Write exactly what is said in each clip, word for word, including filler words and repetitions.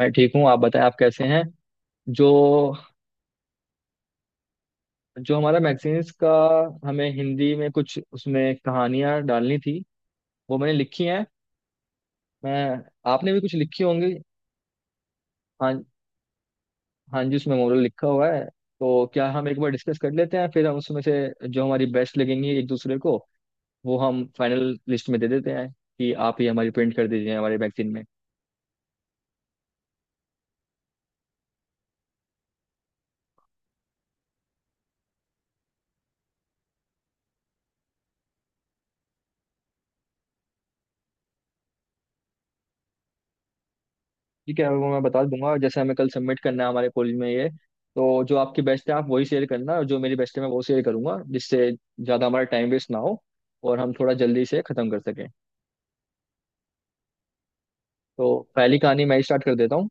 मैं ठीक हूँ। आप बताएं, आप कैसे हैं? जो जो हमारा मैगजीन्स का, हमें हिंदी में कुछ उसमें कहानियां डालनी थी, वो मैंने लिखी हैं। मैं आपने भी कुछ लिखी होंगी। हाँ। हाँ जी, उसमें मोरल लिखा हुआ है। तो क्या हम एक बार डिस्कस कर लेते हैं, फिर हम उसमें से जो हमारी बेस्ट लगेंगी एक दूसरे को, वो हम फाइनल लिस्ट में दे देते हैं कि आप ये हमारी प्रिंट कर दीजिए हमारे मैगजीन में। ठीक है, वो मैं बता दूंगा। जैसे हमें कल सबमिट करना है हमारे कॉलेज में ये, तो जो आपकी बेस्ट है आप वही शेयर करना और जो मेरी बेस्ट है मैं वो शेयर करूंगा, जिससे ज़्यादा हमारा टाइम वेस्ट ना हो और हम थोड़ा जल्दी से ख़त्म कर सकें। तो पहली कहानी मैं स्टार्ट कर देता हूँ।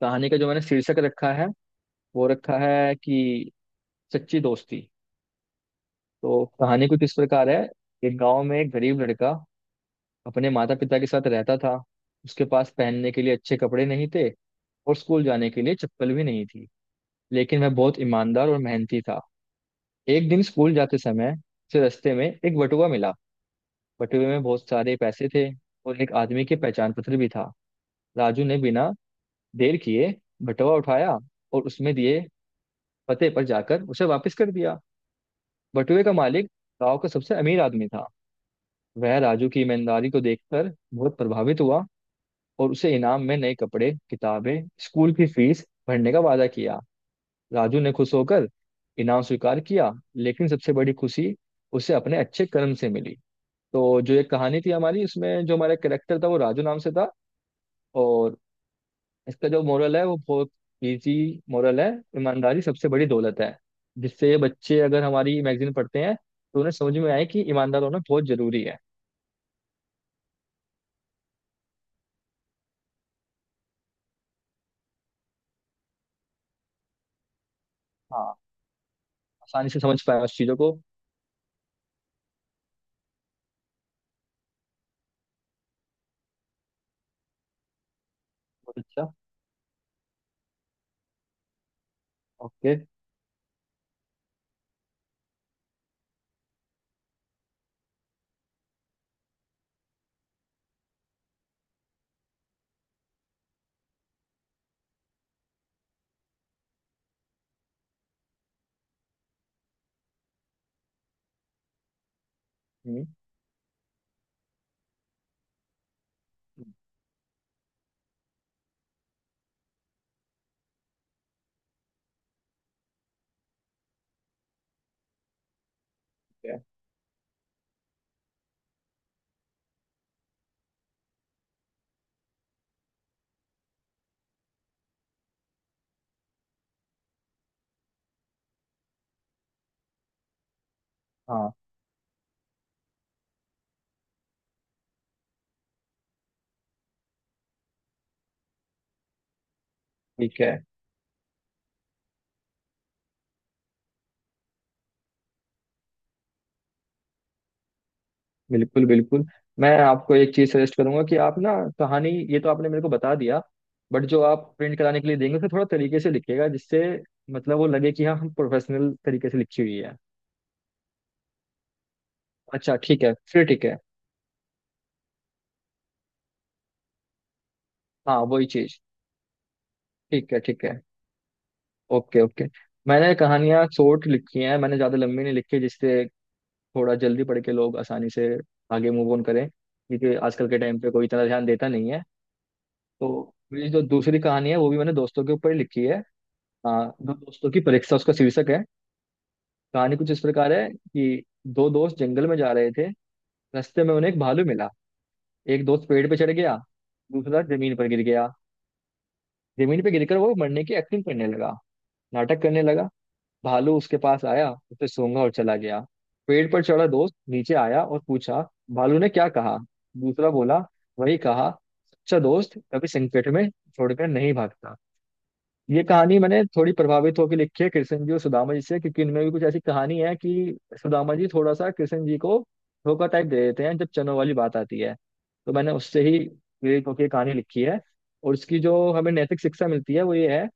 कहानी का जो मैंने शीर्षक रखा है, वो रखा है कि सच्ची दोस्ती। तो कहानी कुछ इस प्रकार है। एक गाँव में एक गरीब लड़का अपने माता पिता के साथ रहता था। उसके पास पहनने के लिए अच्छे कपड़े नहीं थे और स्कूल जाने के लिए चप्पल भी नहीं थी, लेकिन वह बहुत ईमानदार और मेहनती था। एक दिन स्कूल जाते समय से रास्ते में एक बटुआ मिला। बटुए में बहुत सारे पैसे थे और एक आदमी के पहचान पत्र भी था। राजू ने बिना देर किए बटुआ उठाया और उसमें दिए पते पर जाकर उसे वापस कर दिया। बटुए का मालिक गांव का सबसे अमीर आदमी था। वह राजू की ईमानदारी को देखकर बहुत प्रभावित हुआ और उसे इनाम में नए कपड़े, किताबें, स्कूल की फीस भरने का वादा किया। राजू ने खुश होकर इनाम स्वीकार किया, लेकिन सबसे बड़ी खुशी उसे अपने अच्छे कर्म से मिली। तो जो ये कहानी थी हमारी, इसमें जो हमारा कैरेक्टर था वो राजू नाम से था। और इसका जो मोरल है वो बहुत इजी मोरल है। ईमानदारी सबसे बड़ी दौलत है, जिससे ये बच्चे अगर हमारी मैगजीन पढ़ते हैं तो उन्हें समझ में आए कि ईमानदार होना बहुत जरूरी है। हाँ, आसानी से समझ पाए उस चीज़ों को। बहुत अच्छा। ओके। हम्म। ठीक है। हाँ। ठीक है। बिल्कुल, बिल्कुल। मैं आपको एक चीज सजेस्ट करूंगा कि आप ना, कहानी ये तो आपने मेरे को बता दिया, बट जो आप प्रिंट कराने के लिए देंगे उसे थोड़ा तरीके से लिखिएगा, जिससे मतलब वो लगे कि हाँ हम प्रोफेशनल तरीके से लिखी हुई है। अच्छा, ठीक है। फिर ठीक है। हाँ, वही चीज। ठीक है, ठीक है। Okay, okay. मैंने कहानियां शॉर्ट लिखी हैं, मैंने ज्यादा लंबी नहीं लिखी, जिससे थोड़ा जल्दी पढ़ के लोग आसानी से आगे मूव ऑन करें, क्योंकि आजकल के टाइम पे कोई इतना ध्यान देता नहीं है। तो मेरी जो दूसरी कहानी है वो भी मैंने दोस्तों के ऊपर ही लिखी है। हाँ, दो दोस्तों की परीक्षा उसका शीर्षक है। कहानी कुछ इस प्रकार है कि दो दोस्त जंगल में जा रहे थे। रास्ते में उन्हें एक भालू मिला। एक दोस्त पेड़ पे चढ़ गया, दूसरा जमीन पर गिर गया। जमीन पे गिरकर वो मरने की एक्टिंग करने लगा, नाटक करने लगा। भालू उसके पास आया, उसे सूंघा और चला गया। पेड़ पर चढ़ा दोस्त नीचे आया और पूछा, भालू ने क्या कहा? दूसरा बोला, वही कहा, सच्चा दोस्त कभी संकट में छोड़कर नहीं भागता। ये कहानी मैंने थोड़ी प्रभावित होकर लिखी है कृष्ण जी और सुदामा जी से, क्योंकि इनमें भी कुछ ऐसी कहानी है कि सुदामा जी थोड़ा सा कृष्ण जी को धोखा टाइप दे देते हैं जब चनों वाली बात आती है। तो मैंने उससे ही प्रेरित होकर ये कहानी लिखी है। और इसकी जो हमें नैतिक शिक्षा मिलती है वो ये है,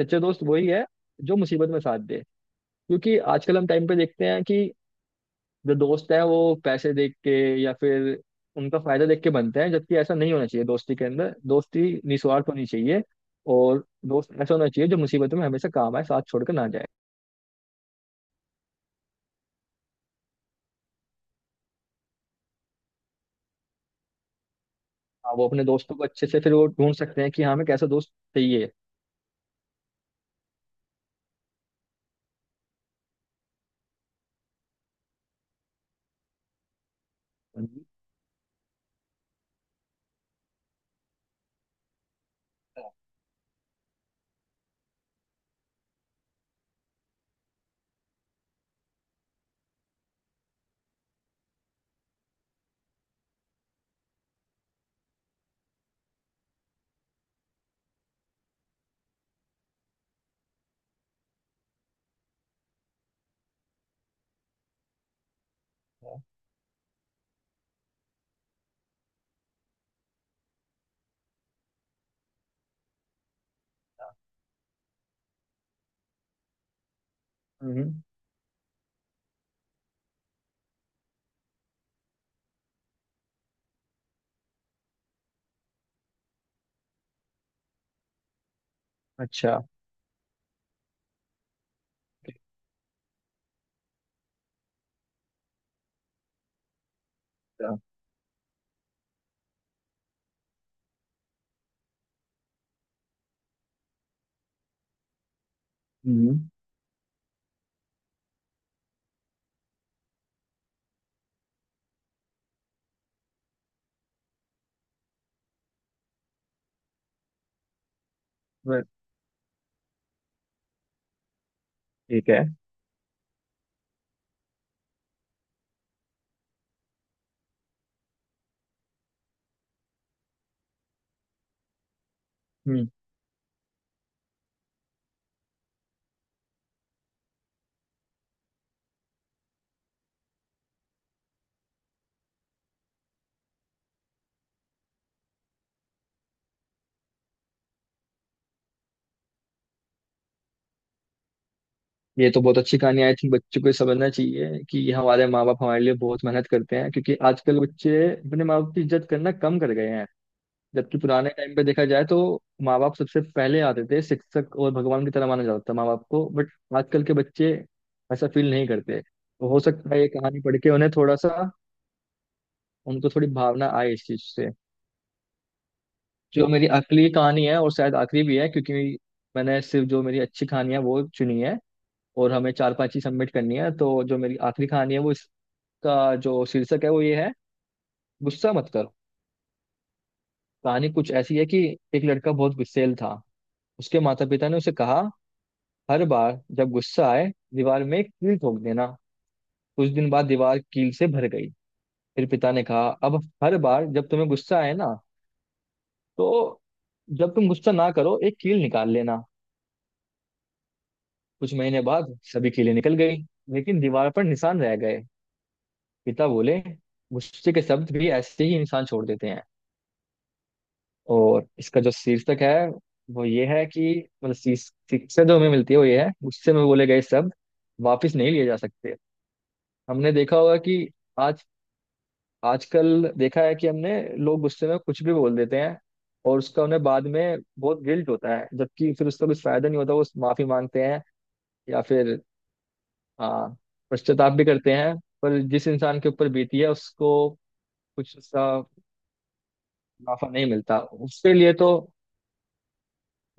सच्चे दोस्त वही है जो मुसीबत में साथ दे। क्योंकि आजकल हम टाइम पे देखते हैं कि जो दोस्त है वो पैसे देख के या फिर उनका फायदा देख के बनते हैं, जबकि ऐसा नहीं होना चाहिए। दोस्ती के अंदर दोस्ती निस्वार्थ होनी चाहिए और दोस्त ऐसा होना चाहिए जो मुसीबतों में हमेशा काम आए, साथ छोड़कर ना जाए। हाँ, वो अपने दोस्तों को अच्छे से फिर वो ढूंढ सकते हैं कि हाँ हमें कैसा दोस्त चाहिए। हम्म। अच्छा। अच्छा, हम्म। वे- ठीक है। हम्म। ये तो बहुत अच्छी कहानी, आई थिंक बच्चों को ये समझना चाहिए कि हमारे माँ बाप हमारे लिए बहुत मेहनत करते हैं, क्योंकि आजकल बच्चे अपने माँ बाप की इज्जत करना कम कर गए हैं। जबकि पुराने टाइम पे देखा जाए तो माँ बाप सबसे पहले आते थे, शिक्षक और भगवान की तरह माना जाता था माँ बाप को, बट आजकल के बच्चे ऐसा फील नहीं करते, तो हो सकता है ये कहानी पढ़ के उन्हें थोड़ा सा, उनको थोड़ी भावना आए इस चीज से। जो मेरी अगली कहानी है और शायद आखिरी भी है, क्योंकि मैंने सिर्फ जो मेरी अच्छी कहानी है वो चुनी है और हमें चार पांच ही सबमिट करनी है, तो जो मेरी आखिरी कहानी है वो, इसका जो शीर्षक है वो ये है, गुस्सा मत करो। कहानी कुछ ऐसी है कि एक लड़का बहुत गुस्सेल था। उसके माता पिता ने उसे कहा, हर बार जब गुस्सा आए दीवार में एक कील ठोक देना। कुछ दिन बाद दीवार कील से भर गई। फिर पिता ने कहा, अब हर बार जब तुम्हें गुस्सा आए ना, तो जब तुम गुस्सा ना करो एक कील निकाल लेना। कुछ महीने बाद सभी कीलें निकल गई, लेकिन दीवार पर निशान रह गए। पिता बोले, गुस्से के शब्द भी ऐसे ही निशान छोड़ देते हैं। और इसका जो शीर्षक है वो ये है कि, मतलब शीर्ष- शिक्षा जो हमें मिलती है वो ये है, गुस्से में बोले गए शब्द वापस नहीं लिए जा सकते। हमने देखा होगा कि आज, आजकल देखा है कि हमने, लोग गुस्से में कुछ भी बोल देते हैं और उसका उन्हें बाद में बहुत गिल्ट होता है, जबकि फिर उसका कुछ फायदा नहीं होता। वो माफी मांगते हैं या फिर आ, पश्चाताप भी करते हैं, पर जिस इंसान के ऊपर बीती है उसको कुछ उसका मुनाफा नहीं मिलता उसके लिए। तो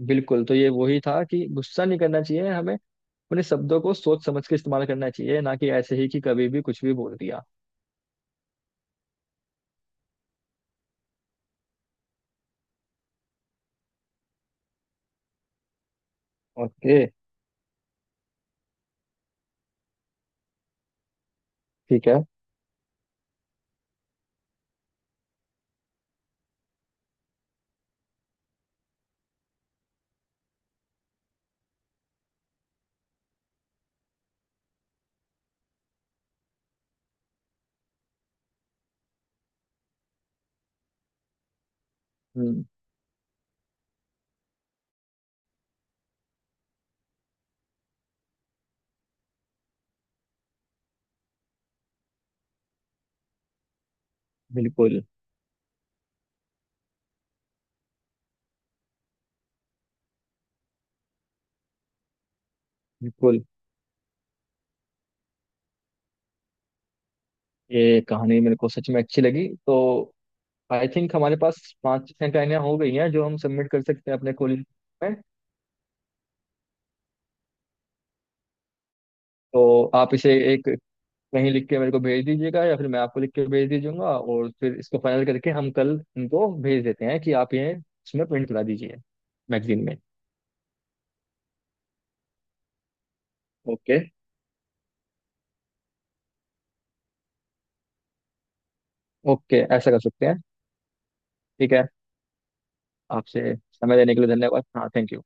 बिल्कुल, तो ये वही था कि गुस्सा नहीं करना चाहिए हमें, अपने शब्दों को सोच समझ के इस्तेमाल करना चाहिए, ना कि ऐसे ही कि कभी भी कुछ भी बोल दिया। ओके। ठीक है। हम्म। बिल्कुल, बिल्कुल। ये कहानी मेरे को सच में अच्छी लगी, तो आई थिंक हमारे पास पांच छह कहानियां हो गई हैं जो हम सबमिट कर सकते हैं अपने कॉलेज में। तो आप इसे एक कहीं लिख के मेरे को भेज दीजिएगा या फिर मैं आपको लिख के भेज दीजूंगा, और फिर इसको फाइनल करके हम कल इनको भेज देते हैं कि आप ये इसमें प्रिंट करा दीजिए मैगजीन में। ओके। ओके, ऐसा कर सकते हैं। ठीक है। आपसे समय देने के लिए धन्यवाद, हाँ, थैंक यू।